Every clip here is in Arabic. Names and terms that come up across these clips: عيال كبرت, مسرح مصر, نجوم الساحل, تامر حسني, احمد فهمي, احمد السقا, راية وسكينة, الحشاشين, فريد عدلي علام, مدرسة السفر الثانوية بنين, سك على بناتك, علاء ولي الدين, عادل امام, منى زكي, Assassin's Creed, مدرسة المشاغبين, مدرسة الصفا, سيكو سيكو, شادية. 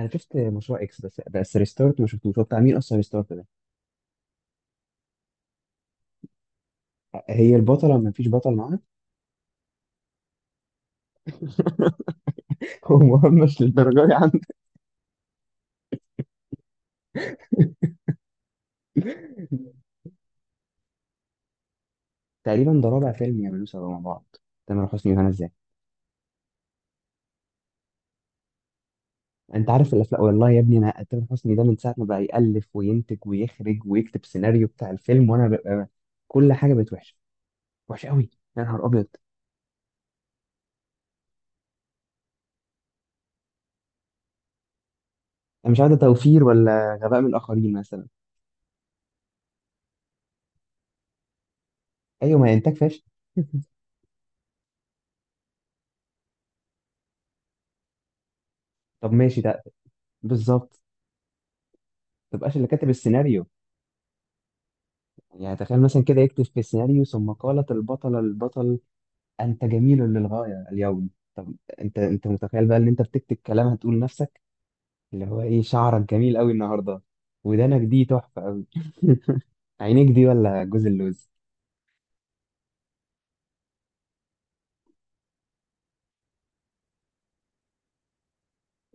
انا شفت مشروع اكس بس ريستارت ما شفتوش. هو بتاع مين اصلا ريستارت ده؟ هي البطله ما فيش بطل معاها. هو مهمش للدرجه دي عنده. تقريبا ده رابع فيلم يعملوه سوا مع بعض. تامر حسني وهنا ازاي؟ انت عارف الافلام، والله يا ابني انا تامر حسني ده من ساعه ما بقى يالف وينتج ويخرج ويكتب سيناريو بتاع الفيلم، وانا ببقى كل حاجه بقت وحشه، وحشه قوي. يا نهار ابيض. انا مش عارف ده توفير ولا غباء من الاخرين مثلا. ايوه، ما هي انتاج فاشل. طب ماشي ده. بالظبط، ما تبقاش اللي كاتب السيناريو. يعني تخيل مثلا كده يكتب في السيناريو ثم قالت البطلة للبطل أنت جميل للغاية اليوم. طب، أنت متخيل بقى إن أنت بتكتب كلام هتقول لنفسك اللي هو إيه، شعرك جميل أوي النهاردة، ودانك دي تحفة أوي، عينيك دي ولا جوز اللوز.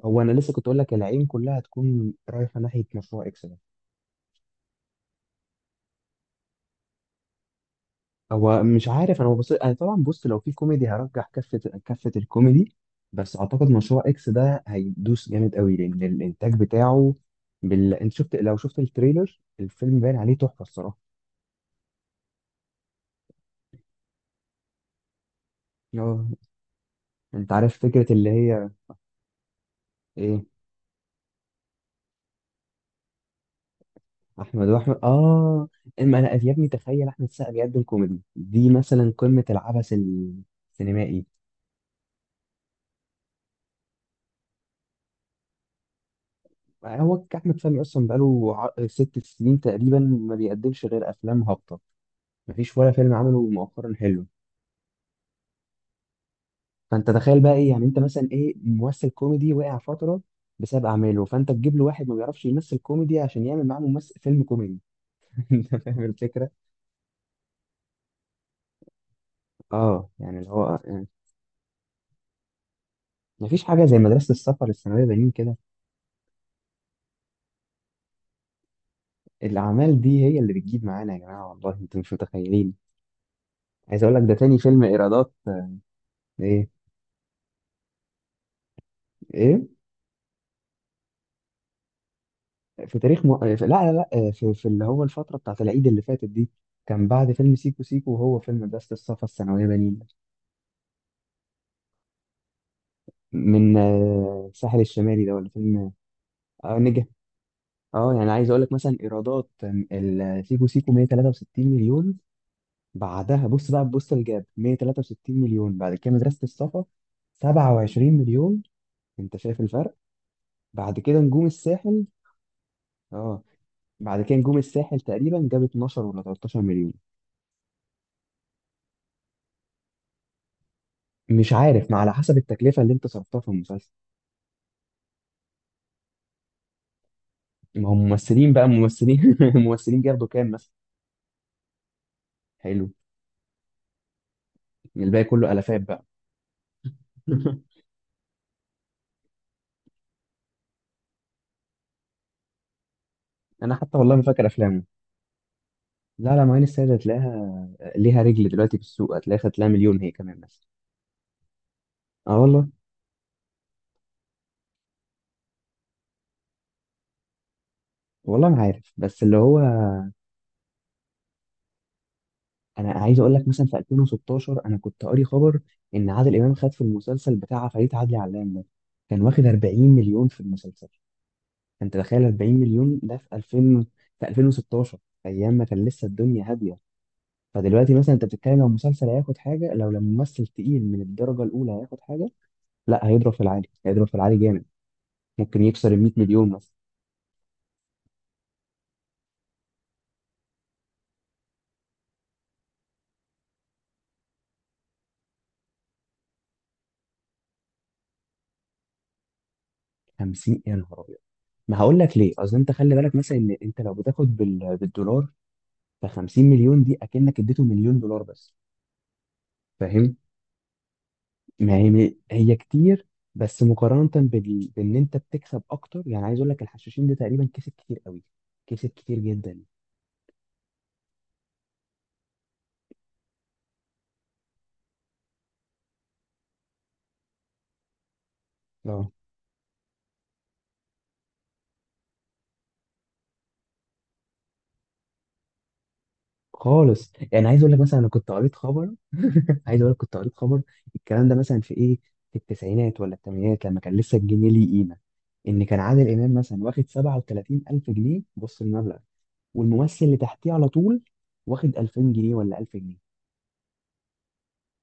هو أنا لسه كنت أقول لك العين كلها هتكون رايحة ناحية مشروع إكس. هو مش عارف، انا ببص، انا طبعا بص، لو في كوميدي هرجح كفه، كفه الكوميدي. بس اعتقد مشروع اكس ده هيدوس جامد قوي لان الانتاج بتاعه انت شفت، لو شفت التريلر الفيلم باين عليه تحفه الصراحه. اه. انت عارف فكره اللي هي ايه؟ احمد واحمد، اه. اما انا يا ابني تخيل احمد السقا بيقدم كوميدي دي، مثلا قمه العبث السينمائي. هو احمد فهمي اصلا بقاله ست سنين تقريبا ما بيقدمش غير افلام هابطه، مفيش ولا فيلم عمله مؤخرا حلو. فانت تخيل بقى ايه، يعني انت مثلا ايه، ممثل كوميدي وقع فتره بسبب اعماله، فانت تجيب له واحد ما بيعرفش يمثل كوميدي عشان يعمل معاه ممثل فيلم كوميدي. انت فاهم الفكره. اه يعني اللي هو يعني مفيش حاجه زي مدرسه السفر الثانويه بنين كده. الاعمال دي هي اللي بتجيب معانا يا جماعه، والله انتوا مش متخيلين. عايز اقول لك ده تاني فيلم ايرادات ايه، ايه، في تاريخ م... آه، في... لا لا لا آه، في... في اللي هو الفتره بتاعت العيد اللي فاتت دي. كان بعد فيلم سيكو سيكو وهو فيلم مدرسه السفر الثانويه بنين، من الساحل الشمالي ده ولا فيلم. اه نجح. اه، يعني عايز اقول لك مثلا ايرادات سيكو سيكو 163 مليون. بعدها بص بقى، بص الجاب 163 مليون. بعد كده مدرسة الصفا 27 مليون. انت شايف الفرق؟ بعد كده نجوم الساحل، اه. بعد كده نجوم الساحل تقريبا جاب 12 ولا 13 مليون. مش عارف، ما على حسب التكلفة اللي انت صرفتها في المسلسل. ما هم ممثلين بقى، ممثلين ممثلين بياخدوا كام مثلا؟ حلو. الباقي كله ألفات بقى. انا حتى والله ما فاكر افلامه. لا لا، معين السيد هتلاقيها ليها رجل دلوقتي في السوق، هتلاقيها خدت لها مليون هي كمان بس. اه والله. والله ما عارف، بس اللي هو انا عايز اقول لك مثلا في 2016 انا كنت قاري خبر ان عادل امام خد في المسلسل بتاع فريد عدلي علام ده، كان واخد 40 مليون في المسلسل. انت تخيل 40 مليون ده في 2000، في 2016، ايام ما كان لسه الدنيا هاديه. فدلوقتي مثلا انت بتتكلم لو مسلسل هياخد حاجه، لو لما ممثل تقيل من الدرجه الاولى هياخد حاجه، لا هيضرب في العالي، هيضرب في العالي جامد، ممكن يكسر ال 100 مليون مثلا. 50، يا نهار ابيض. ما هقول لك ليه، اصل انت خلي بالك مثلا ان انت لو بتاخد بالدولار، ف 50 مليون دي اكنك اديته مليون دولار بس. فاهم؟ ما هي هي كتير، بس مقارنه بان انت بتكسب اكتر. يعني عايز اقول لك الحشاشين ده تقريبا كسب كتير قوي، كسب كتير جدا. اه خالص. يعني عايز اقول لك مثلا انا كنت قريت خبر عايز اقول لك كنت قريت خبر الكلام ده مثلا في ايه، في التسعينات ولا الثمانينات، لما كان لسه الجنيه ليه قيمه، ان كان عادل امام مثلا واخد 37000 جنيه. بص المبلغ، والممثل اللي تحتيه على طول واخد 2000 جنيه ولا 1000 جنيه.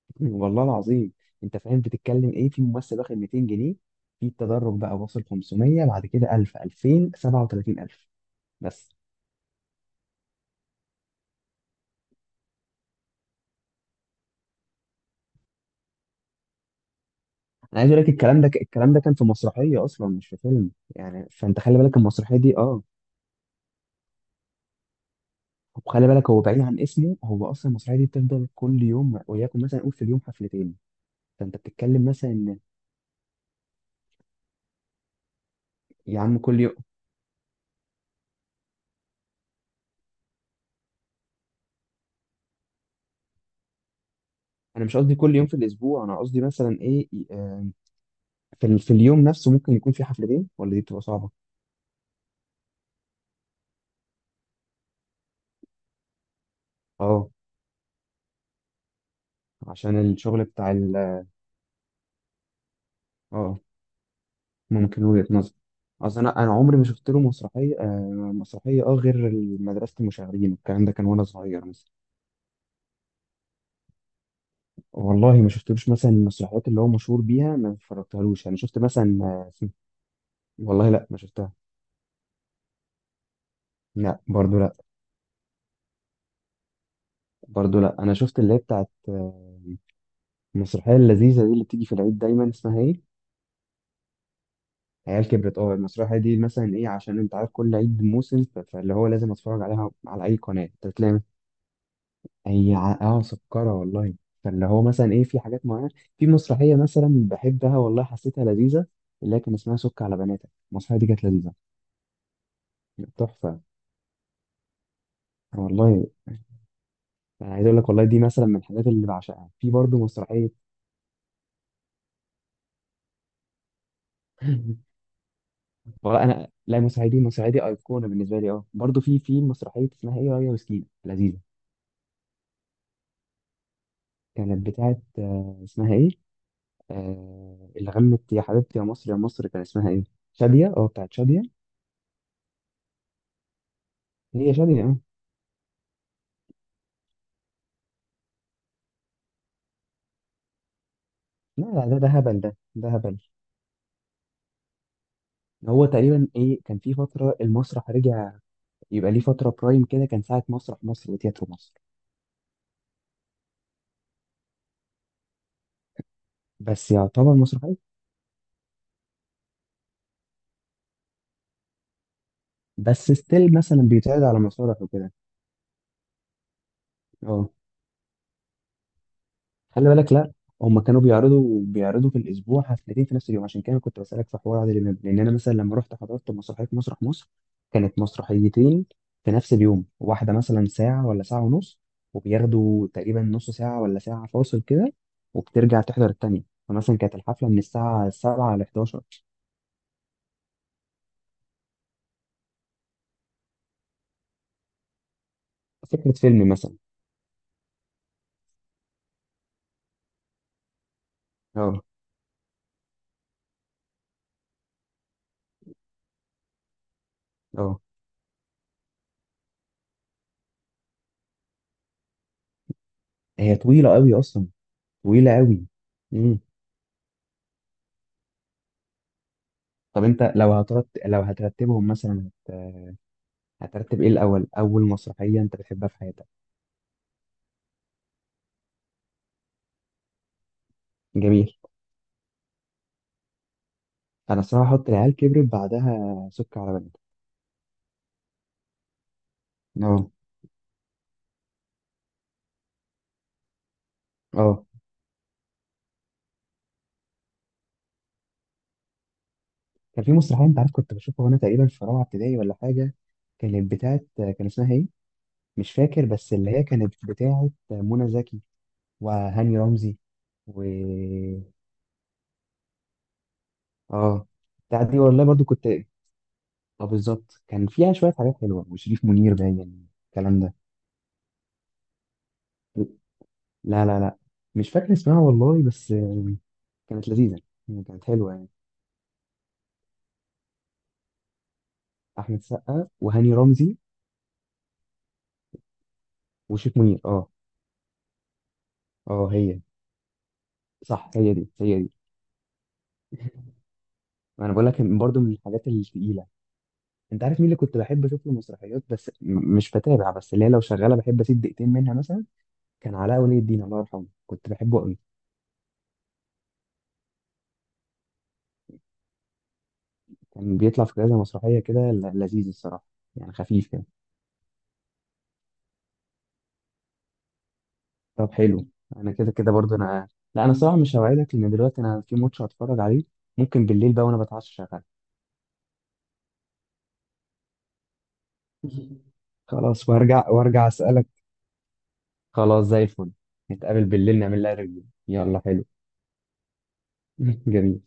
والله العظيم. انت فاهم بتتكلم ايه؟ في ممثل واخد 200 جنيه، في التدرج بقى واصل 500، بعد كده 1000، 2000، 37000، بس. انا عايز اقول لك الكلام ده، الكلام ده كان في مسرحيه اصلا، مش في فيلم. يعني فانت خلي بالك المسرحيه دي، اه. وخلي بالك هو بعيد عن اسمه، هو اصلا المسرحيه دي بتفضل كل يوم، وياكم مثلا قول في اليوم حفلتين. فانت بتتكلم مثلا إن يا عم كل يوم. انا مش قصدي كل يوم في الاسبوع، انا قصدي مثلا ايه، في اليوم نفسه ممكن يكون في حفلتين، ولا دي بتبقى صعبه. اه، عشان الشغل بتاع ال اه. ممكن وجهه نظر. اصل انا عمري ما شفت له مسرحيه مسرحيه اه غير مدرسه المشاغبين. الكلام ده كان وانا صغير. والله ما شفتلوش مثلا المسرحيات اللي هو مشهور بيها، ما اتفرجتهالوش. يعني شفت مثلا والله لا ما شفتها. لا برضو لا. برضو لا، انا شفت اللي هي بتاعت المسرحيه اللذيذه دي اللي بتيجي في العيد دايما اسمها ايه، عيال كبرت، اه. المسرحيه دي مثلا ايه، عشان انت عارف كل عيد موسم، فاللي هو لازم اتفرج عليها، على اي قناه انت بتلاقي. اه سكره والله. فاللي هو مثلا ايه، في حاجات معينه، في مسرحيه مثلا بحبها والله، حسيتها لذيذه، اللي هي كان اسمها سك على بناتك. المسرحيه دي كانت لذيذه، تحفه والله. انا عايز اقول لك والله دي مثلا من الحاجات اللي بعشقها، في برضه مسرحيه والله انا، لا المسرحيه دي، المسرحيه دي ايقونه بالنسبه لي. اه، برضه في مسرحيه اسمها ايه، رايه وسكينه، لذيذه. كانت بتاعت اسمها ايه، آه اللي غنت يا حبيبتي يا مصر يا مصر، كان اسمها ايه، شاديه، اه، بتاعت شاديه. هي شاديه اه. لا لا ده هبل، ده هبل. هو تقريبا ايه، كان في فتره المسرح رجع، يبقى ليه فتره برايم كده، كان ساعه مسرح مصر وتياترو مصر. بس يعتبر مسرحيه. بس ستيل مثلا بيتعرض على مسارح وكده. اه، خلي بالك. لا هم كانوا بيعرضوا في الاسبوع حفلتين في نفس اليوم. عشان كده كنت بسالك في حوار عادل امام، لان انا مثلا لما رحت حضرت مسرحيه مسرح مصر، كانت مسرحيتين في نفس اليوم، واحده مثلا ساعه ولا ساعه ونص، وبياخدوا تقريبا نص ساعه ولا ساعه فاصل كده، وبترجع تحضر التانيه. فمثلا كانت الحفله من الساعه 7 ل 11. فكره فيلم مثلا. اه. اه، هي طويله قوي اصلا، طويله قوي. امم. طب انت لو لو هترتبهم مثلا، هترتب ايه الاول، اول مسرحيه انت بتحبها في حياتك؟ جميل. انا الصراحه احط العيال كبرت، بعدها سك على بنات. اه. اه. كان في مسرحيه انت عارف كنت بشوفها وانا تقريبا في رابعه ابتدائي ولا حاجه، كانت بتاعت كان اسمها ايه، مش فاكر، بس اللي هي كانت بتاعت منى زكي وهاني رمزي و اه. بتاعت دي والله برضو كنت، اه بالظبط كان فيها شويه حاجات حلوه وشريف منير، باين الكلام ده. لا لا لا، مش فاكر اسمها والله، بس كانت لذيذه، يعني كانت حلوه يعني. احمد سقا وهاني رمزي وشيك منير اه. اه هي. صح، هي دي هي دي. انا بقول لك برضو من الحاجات التقيله، انت عارف مين اللي كنت بحب اشوف له مسرحيات، بس مش بتابع، بس اللي هي لو شغاله بحب اسيب دقيقتين منها مثلا، كان علاء ولي الدين الله يرحمه، كنت بحبه قوي. كان بيطلع في كذا مسرحيه كده، لذيذ الصراحه، يعني خفيف كده. طب حلو. انا كده كده برضو انا، لا انا صراحه مش هوعدك لان دلوقتي انا في ماتش هتفرج عليه، ممكن بالليل بقى وانا بتعشى شغال. خلاص، وارجع اسالك. خلاص زي الفل، نتقابل بالليل نعمل لها ريفيو، يلا حلو. جميل.